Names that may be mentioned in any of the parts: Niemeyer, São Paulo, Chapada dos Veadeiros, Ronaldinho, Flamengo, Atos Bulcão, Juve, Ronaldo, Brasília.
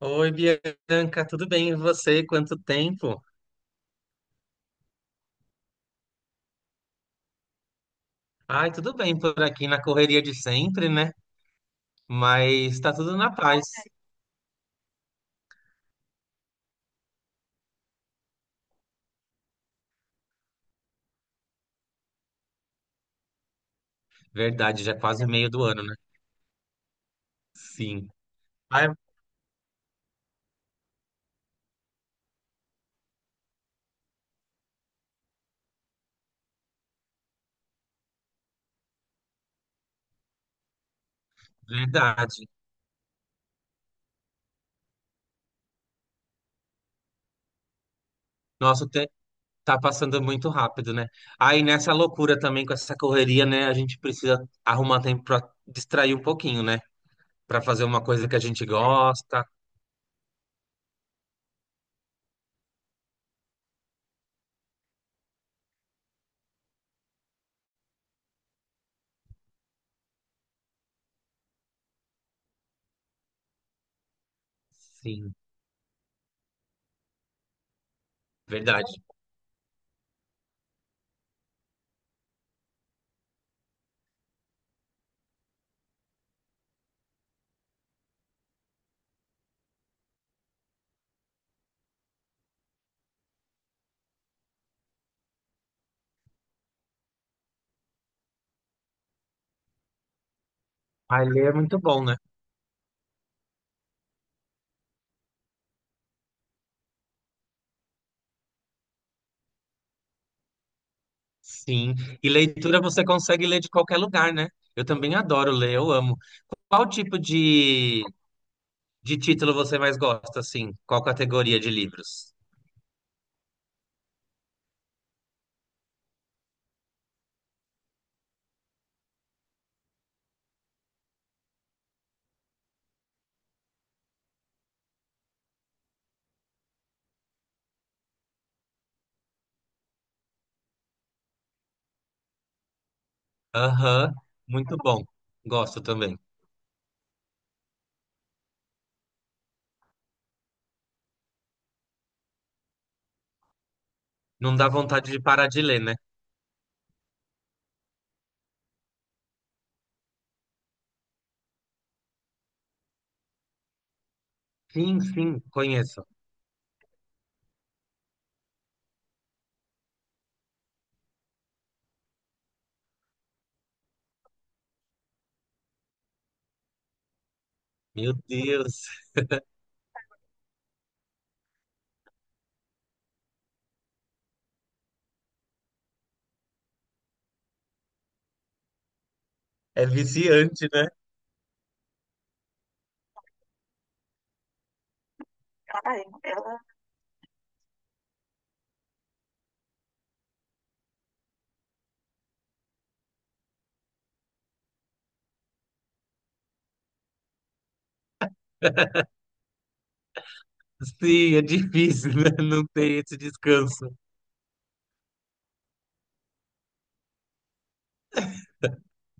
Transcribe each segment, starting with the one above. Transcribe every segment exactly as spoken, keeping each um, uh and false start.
Oi, Bianca, tudo bem? E você? Quanto tempo? Ai, tudo bem por aqui na correria de sempre, né? Mas tá tudo na paz. Verdade, já é quase meio do ano, né? Sim. Ai, verdade. Nossa, o te- tá passando muito rápido, né? Aí nessa loucura também com essa correria, né? A gente precisa arrumar tempo pra distrair um pouquinho, né? Pra fazer uma coisa que a gente gosta. Sim, verdade. Ai, ler é muito bom, né? Sim, e leitura você consegue ler de qualquer lugar, né? Eu também adoro ler, eu amo. Qual tipo de, de título você mais gosta, assim? Qual categoria de livros? Aham, muito bom. Gosto também. Não dá vontade de parar de ler, né? Sim, sim, conheço. Meu Deus, é viciante, né? Sim, é difícil, né? Não ter esse descanso.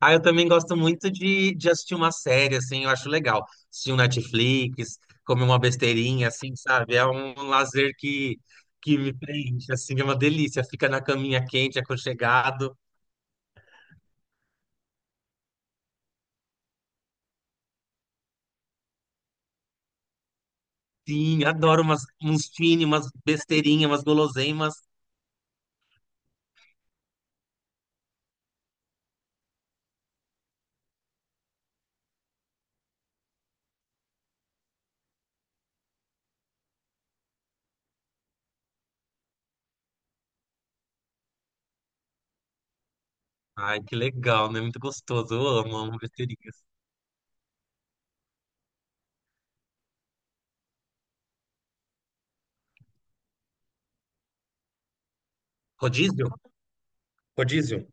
Ah, eu também gosto muito de, de assistir uma série, assim, eu acho legal. Assistir um Netflix, comer uma besteirinha, assim, sabe? É um lazer que, que me preenche, assim, é uma delícia. Fica na caminha quente, aconchegado. Sim, adoro umas, uns fine, umas besteirinhas, umas guloseimas. Ai, que legal, né? Muito gostoso. Eu amo, amo besteirinhas. Rodízio? Rodízio.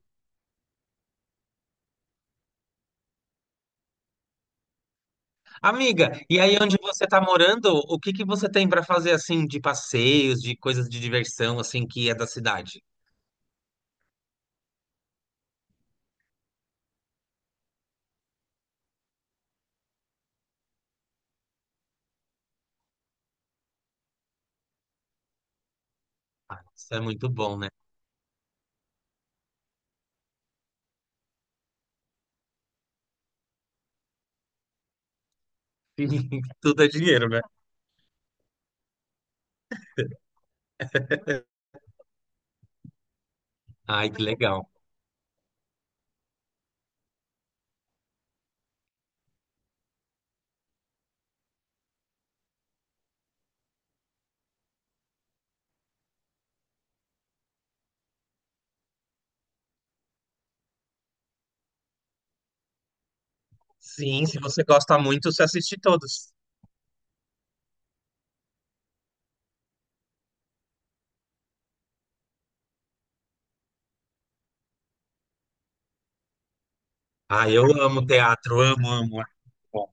Amiga, e aí onde você tá morando, o que que você tem para fazer, assim, de passeios, de coisas de diversão, assim, que é da cidade? Ah, isso é muito bom, né? Tudo é dinheiro, né? Ai, que legal. Sim, se você gosta muito, você assiste todos. Ah, eu amo teatro, amo, amo. Bom,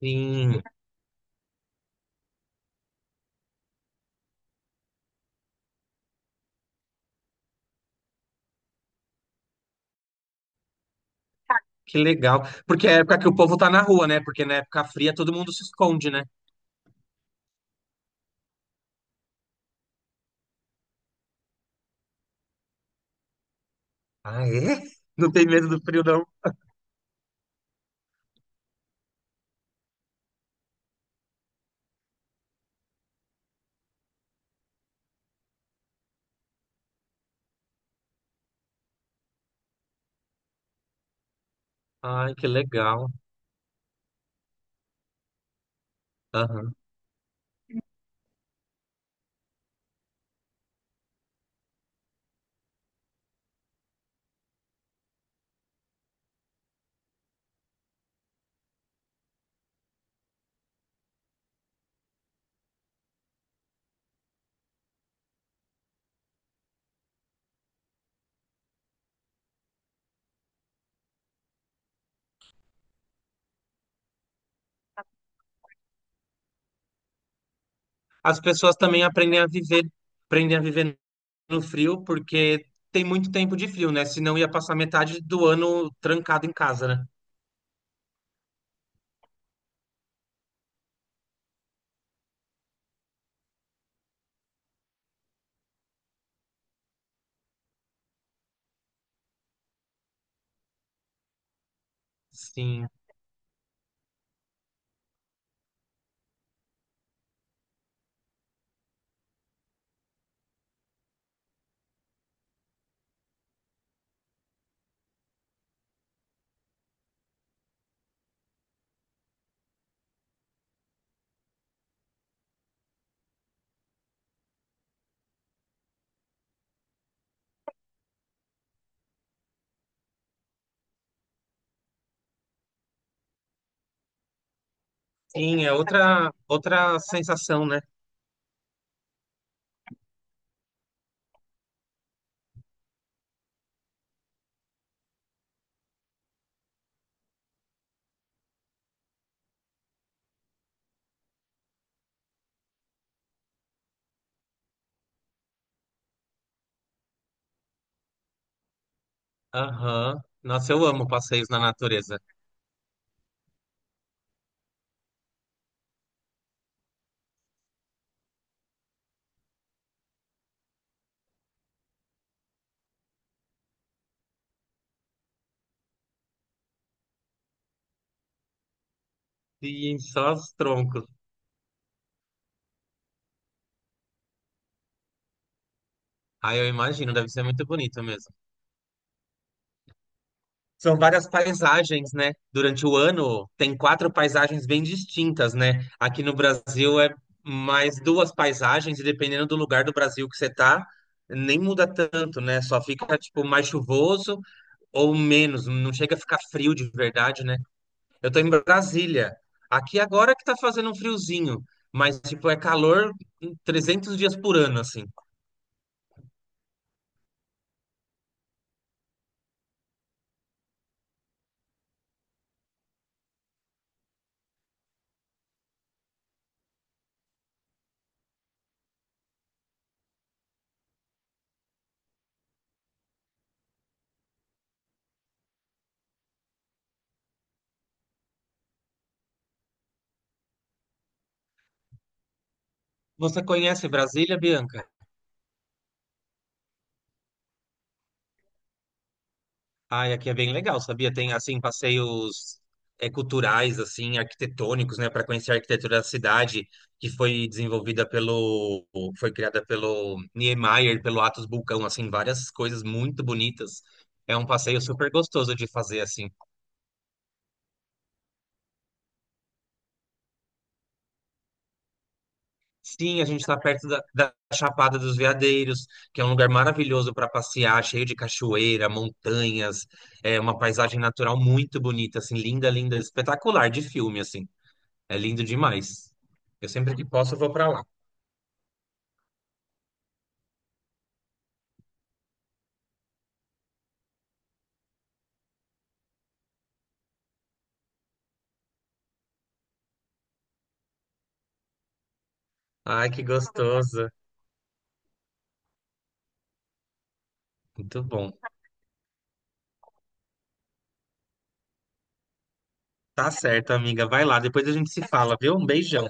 sim, que legal. Porque é a época que o povo tá na rua, né? Porque na época fria todo mundo se esconde, né? Ah, é? Não tem medo do frio, não. Ai, que legal. Aham. As pessoas também aprendem a viver, aprendem a viver no frio, porque tem muito tempo de frio, né? Senão ia passar metade do ano trancado em casa, né? Sim. Sim, é outra, outra sensação, né? Aham. Nossa, eu amo passeios na natureza. Sim, só os troncos. Ah, eu imagino, deve ser muito bonito mesmo. São várias paisagens, né? Durante o ano, tem quatro paisagens bem distintas, né? Aqui no Brasil é mais duas paisagens, e dependendo do lugar do Brasil que você tá, nem muda tanto, né? Só fica, tipo, mais chuvoso ou menos. Não chega a ficar frio de verdade, né? Eu tô em Brasília. Aqui agora que tá fazendo um friozinho, mas tipo é calor trezentos dias por ano assim. Você conhece Brasília, Bianca? Ai, aqui é bem legal, sabia? Tem assim passeios é, culturais assim, arquitetônicos, né, para conhecer a arquitetura da cidade, que foi desenvolvida pelo foi criada pelo Niemeyer, pelo Atos Bulcão, assim, várias coisas muito bonitas. É um passeio super gostoso de fazer assim. Sim, a gente está perto da, da Chapada dos Veadeiros, que é um lugar maravilhoso para passear, cheio de cachoeira, montanhas, é uma paisagem natural muito bonita, assim, linda, linda, espetacular de filme, assim. É lindo demais. Eu sempre que posso eu vou para lá. Ai, que gostoso. Muito bom. Tá certo, amiga. Vai lá, depois a gente se fala, viu? Um beijão.